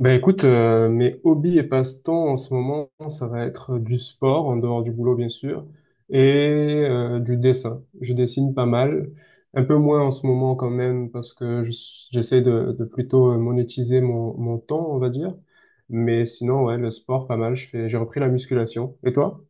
Ben écoute, mes hobbies et passe-temps en ce moment, ça va être du sport, en dehors du boulot bien sûr, et du dessin. Je dessine pas mal, un peu moins en ce moment quand même, parce que j'essaie de plutôt monétiser mon temps, on va dire. Mais sinon, ouais, le sport, pas mal. Je fais, j'ai repris la musculation. Et toi?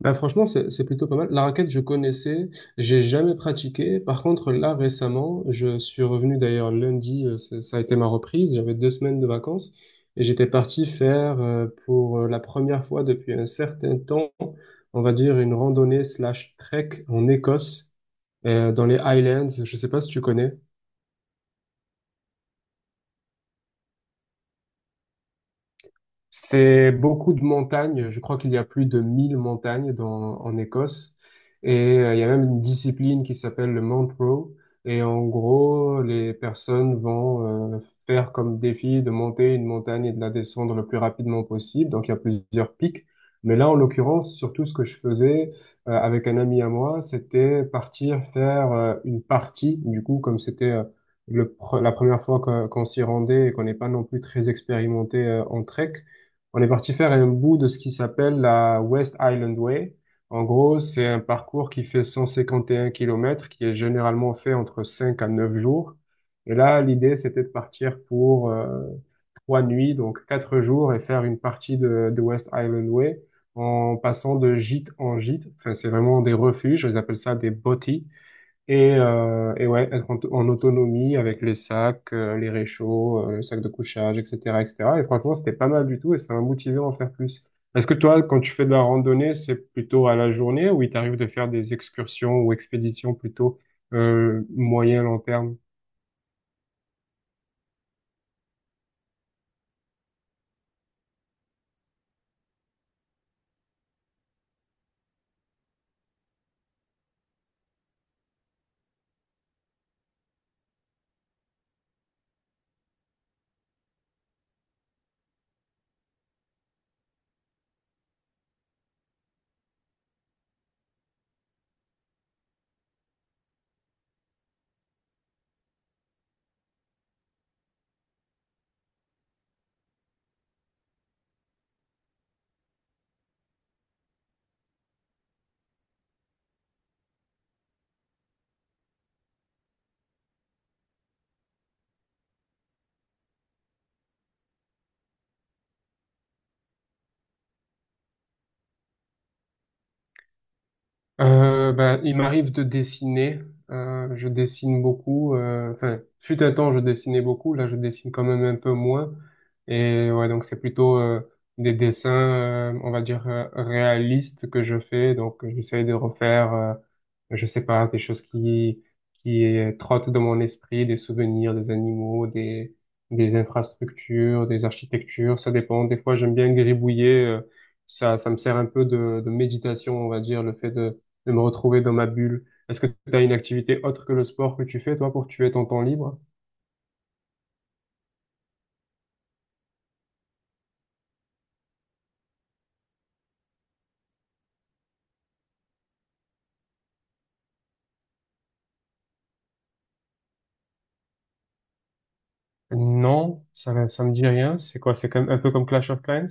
Bah franchement, c'est plutôt pas mal. La raquette, je connaissais, j'ai jamais pratiqué. Par contre, là, récemment, je suis revenu d'ailleurs lundi, ça a été ma reprise. J'avais 2 semaines de vacances et j'étais parti faire pour la première fois depuis un certain temps, on va dire une randonnée/trek en Écosse, dans les Highlands. Je sais pas si tu connais. C'est beaucoup de montagnes. Je crois qu'il y a plus de 1000 montagnes dans, en Écosse. Et il y a même une discipline qui s'appelle le Mount Row. Et en gros, les personnes vont faire comme défi de monter une montagne et de la descendre le plus rapidement possible. Donc il y a plusieurs pics. Mais là, en l'occurrence, surtout ce que je faisais avec un ami à moi, c'était partir faire une partie. Du coup, comme c'était la première fois qu'on s'y rendait et qu'on n'est pas non plus très expérimenté en trek, on est parti faire un bout de ce qui s'appelle la West Island Way. En gros, c'est un parcours qui fait 151 km, qui est généralement fait entre 5 à 9 jours. Et là, l'idée, c'était de partir pour 3 nuits, donc 4 jours, et faire une partie de West Island Way en passant de gîte en gîte. Enfin, c'est vraiment des refuges, ils appellent ça des botties. Et ouais, être en autonomie avec les sacs, les réchauds, le sac de couchage, etc., etc. Et cetera. Et franchement, c'était pas mal du tout et ça m'a motivé à en faire plus. Est-ce que toi, quand tu fais de la randonnée, c'est plutôt à la journée ou il t'arrive de faire des excursions ou expéditions plutôt moyen, long terme? Bah, il m'arrive de dessiner. Je dessine beaucoup. Enfin, fut un temps, je dessinais beaucoup. Là, je dessine quand même un peu moins. Et ouais, donc c'est plutôt des dessins, on va dire réalistes que je fais. Donc, j'essaie de refaire, je sais pas, des choses qui trottent dans mon esprit, des souvenirs, des animaux, des infrastructures, des architectures. Ça dépend. Des fois, j'aime bien gribouiller. Ça, ça me sert un peu de méditation, on va dire, le fait de me retrouver dans ma bulle. Est-ce que tu as une activité autre que le sport que tu fais, toi, pour tuer ton temps libre? Non, ça me dit rien. C'est quoi? C'est comme un peu comme Clash of Clans?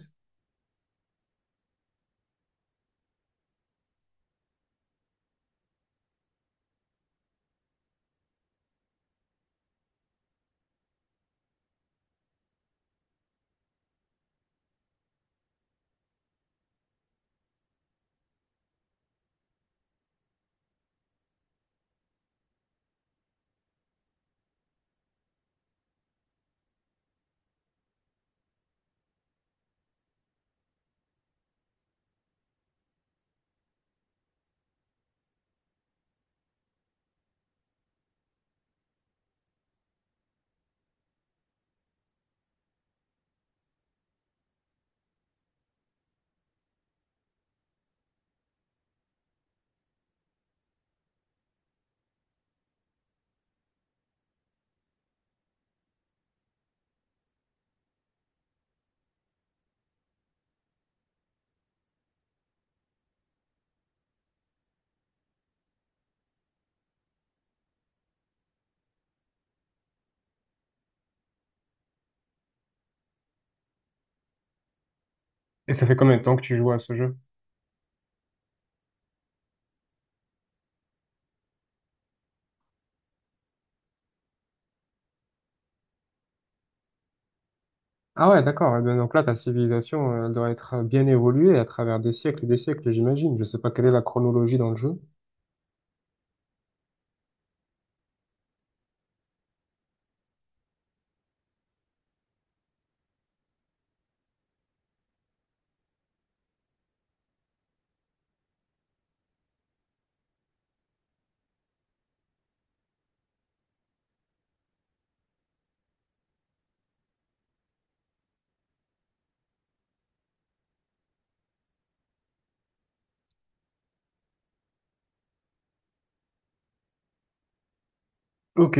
Et ça fait combien de temps que tu joues à ce jeu? Ah ouais, d'accord. Eh bien, donc là, ta civilisation, elle doit être bien évoluée à travers des siècles et des siècles, j'imagine. Je sais pas quelle est la chronologie dans le jeu. Ok.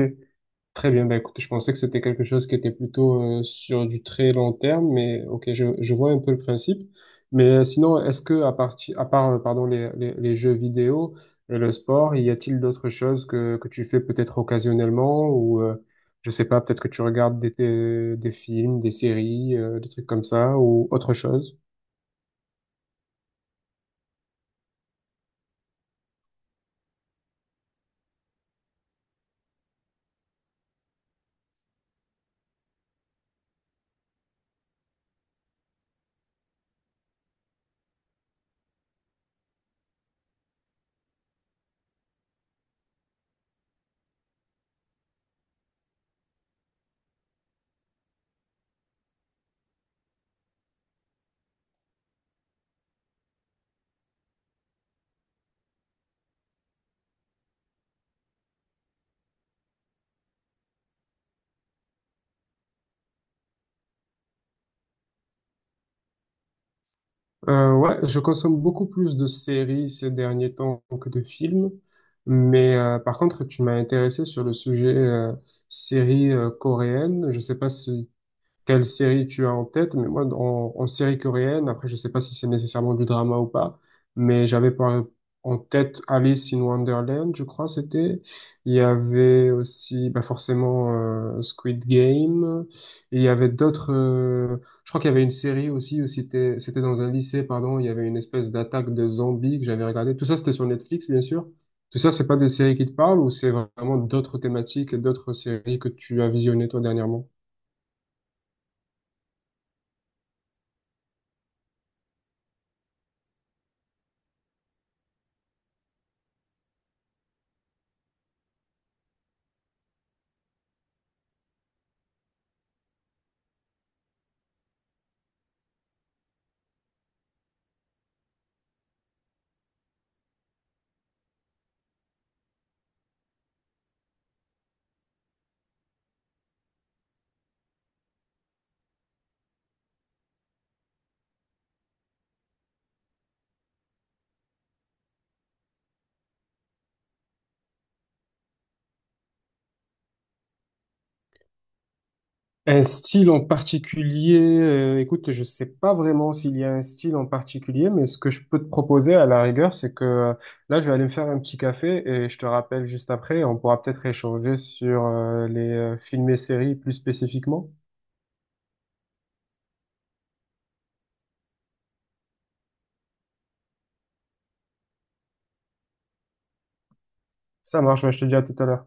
Très bien, bah écoute, je pensais que c'était quelque chose qui était plutôt sur du très long terme, mais ok, je vois un peu le principe. Mais sinon, est-ce que à part, pardon, les jeux vidéo et le sport, y a-t-il d'autres choses que tu fais peut-être occasionnellement ou je sais pas, peut-être que tu regardes des films, des séries, des trucs comme ça ou autre chose? Ouais, je consomme beaucoup plus de séries ces derniers temps que de films, mais par contre, tu m'as intéressé sur le sujet séries coréennes. Je sais pas si quelle série tu as en tête, mais moi, en série coréenne, après, je sais pas si c'est nécessairement du drama ou pas, mais j'avais en tête Alice in Wonderland, je crois, c'était. Il y avait aussi, bah, forcément, Squid Game. Et il y avait d'autres, je crois qu'il y avait une série aussi où c'était dans un lycée, pardon, il y avait une espèce d'attaque de zombies que j'avais regardé. Tout ça, c'était sur Netflix, bien sûr. Tout ça, c'est pas des séries qui te parlent ou c'est vraiment d'autres thématiques et d'autres séries que tu as visionnées toi dernièrement? Un style en particulier, écoute, je sais pas vraiment s'il y a un style en particulier, mais ce que je peux te proposer à la rigueur, c'est que là, je vais aller me faire un petit café et je te rappelle juste après, et on pourra peut-être échanger sur les films et séries plus spécifiquement. Ça marche, ouais, je te dis à tout à l'heure.